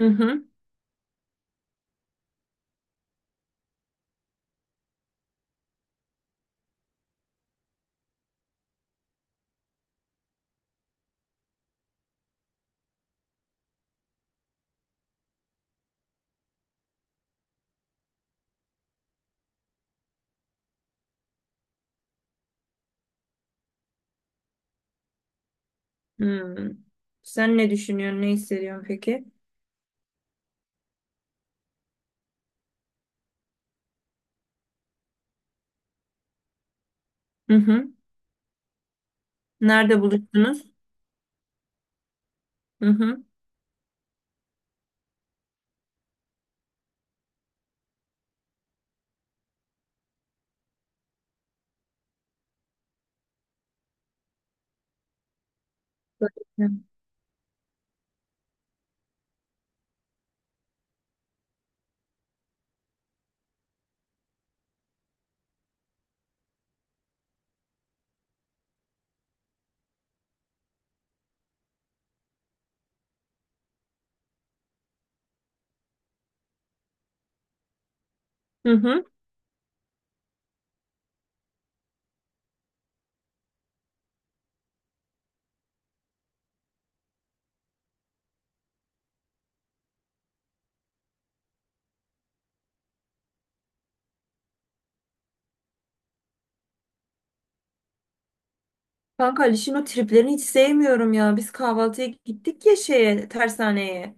Hı hı. Hmm. Sen ne düşünüyorsun, ne hissediyorsun peki? Hı hı. Nerede buluştunuz? Hı hı. Böyle. Hı hı. Kanka Aliş'in o triplerini hiç sevmiyorum ya. Biz kahvaltıya gittik ya şeye, tersaneye.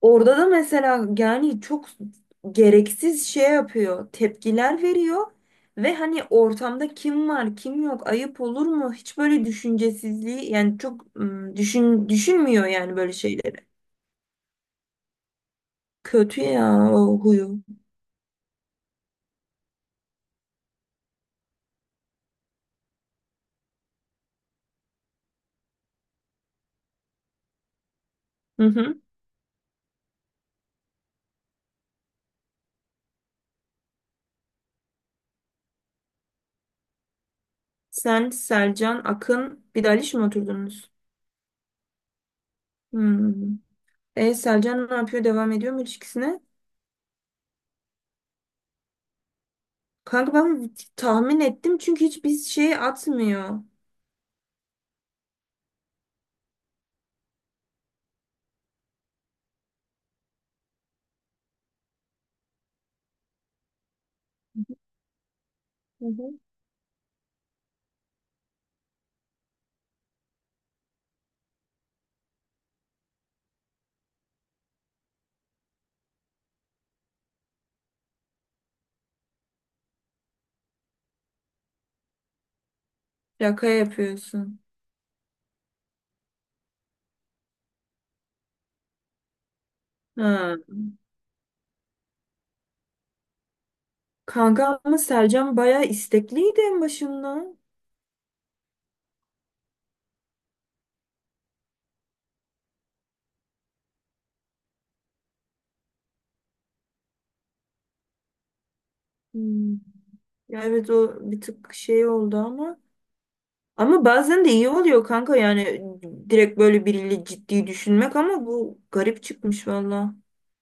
Orada da mesela yani çok gereksiz şey yapıyor. Tepkiler veriyor. Ve hani ortamda kim var, kim yok, ayıp olur mu? Hiç böyle düşüncesizliği yani çok düşünmüyor yani böyle şeyleri. Kötü ya o huyu. Hı hı. Sen, Selcan, Akın, bir de Aliş mi oturdunuz? Hmm. Selcan ne yapıyor? Devam ediyor mu ilişkisine? Kanka ben tahmin ettim çünkü hiçbir şey atmıyor. Hı hı. Şaka yapıyorsun. Ha. Kanka ama Selcan bayağı istekliydi en başında. Hmm. Ya evet o bir tık şey oldu ama. Ama bazen de iyi oluyor kanka yani direkt böyle biriyle ciddi düşünmek ama bu garip çıkmış valla.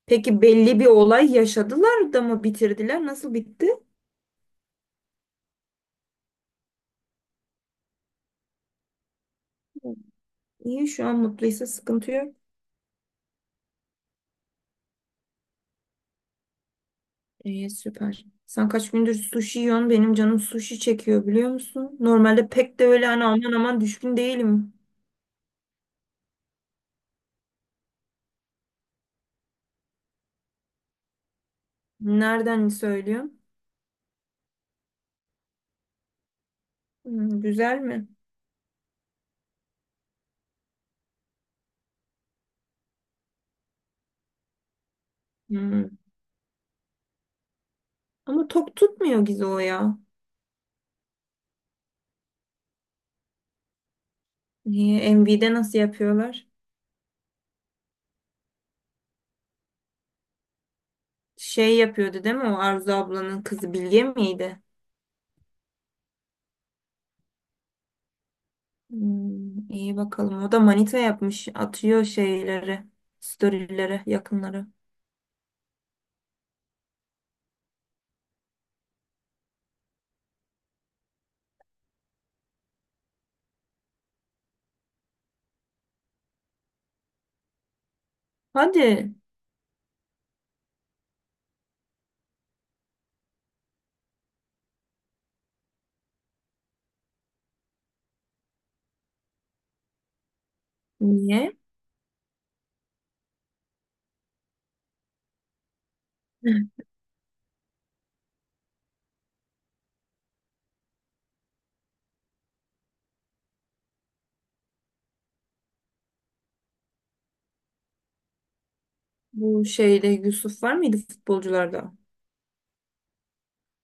Peki belli bir olay yaşadılar da mı bitirdiler? Nasıl bitti? İyi şu an mutluysa sıkıntı yok. İyi süper. Sen kaç gündür sushi yiyorsun? Benim canım sushi çekiyor biliyor musun? Normalde pek de öyle hani aman aman düşkün değilim. Nereden söylüyorsun? Hmm, güzel mi? Hmm. Ama tok tutmuyor Gizo ya. Niye? MV'de nasıl yapıyorlar? Şey yapıyordu değil mi o Arzu ablanın kızı Bilge miydi? Hmm, iyi bakalım. O da manita yapmış. Atıyor şeyleri, storylere, yakınları. Hadi. Niye? Bu şeyde Yusuf var mıydı futbolcularda?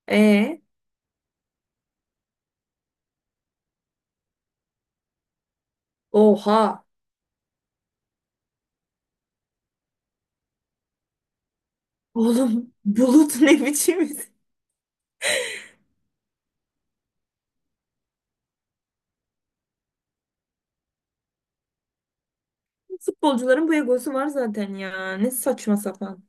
E, oha. Oğlum Bulut ne biçim isim? Futbolcuların bu egosu var zaten ya. Ne saçma sapan.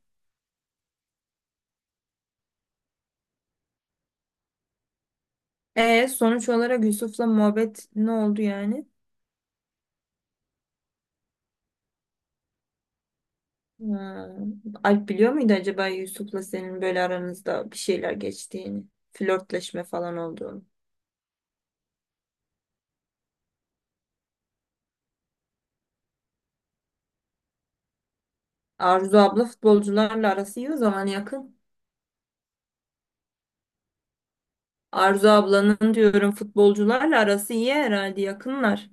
E sonuç olarak Yusuf'la muhabbet ne oldu yani? Ha. Alp biliyor muydu acaba Yusuf'la senin böyle aranızda bir şeyler geçtiğini? Flörtleşme falan olduğunu. Arzu abla futbolcularla arası iyi o zaman yakın. Arzu ablanın diyorum futbolcularla arası iyi herhalde yakınlar.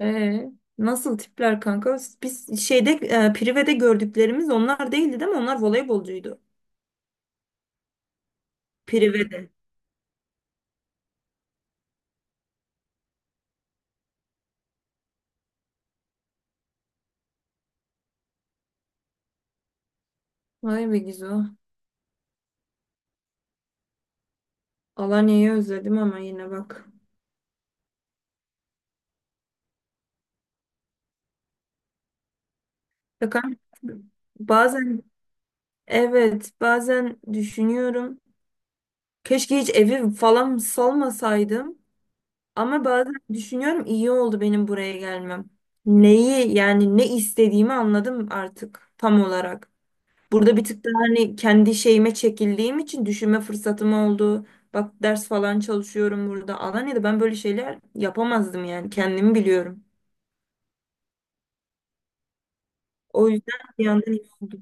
Ee, nasıl tipler kanka? Biz şeyde Prive'de gördüklerimiz onlar değildi değil mi? Onlar voleybolcuydu. Prive'de. Vay be Gizo. Alanya'yı özledim ama yine bak. Ya kanka, bazen evet bazen düşünüyorum. Keşke hiç evi falan salmasaydım. Ama bazen düşünüyorum iyi oldu benim buraya gelmem. Neyi yani ne istediğimi anladım artık tam olarak. Burada bir tık daha hani kendi şeyime çekildiğim için düşünme fırsatım oldu. Bak ders falan çalışıyorum burada. Alanya'da ben böyle şeyler yapamazdım yani kendimi biliyorum. O yüzden bir yandan iyi oldu.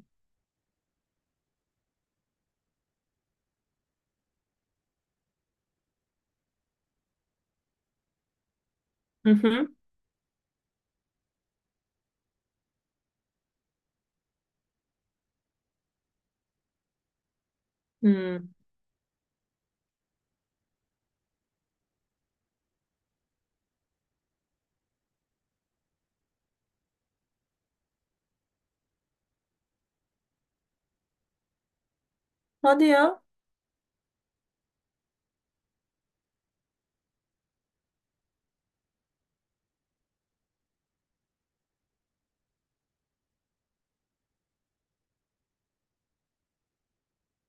Hı hı. Hmm. Hadi ya.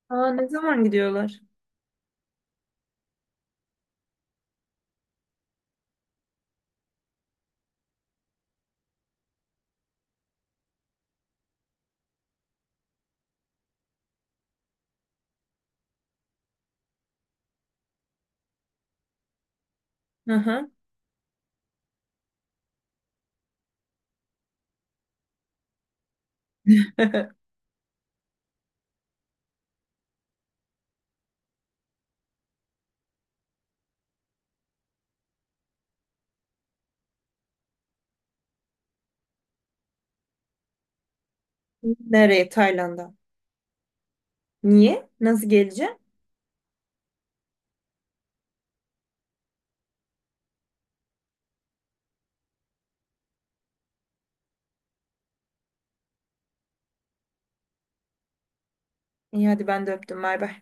Aa, ne zaman gidiyorlar? Hı hı. Nereye? Tayland'a. Niye? Nasıl geleceğim? İyi hadi ben de öptüm. Bay bay.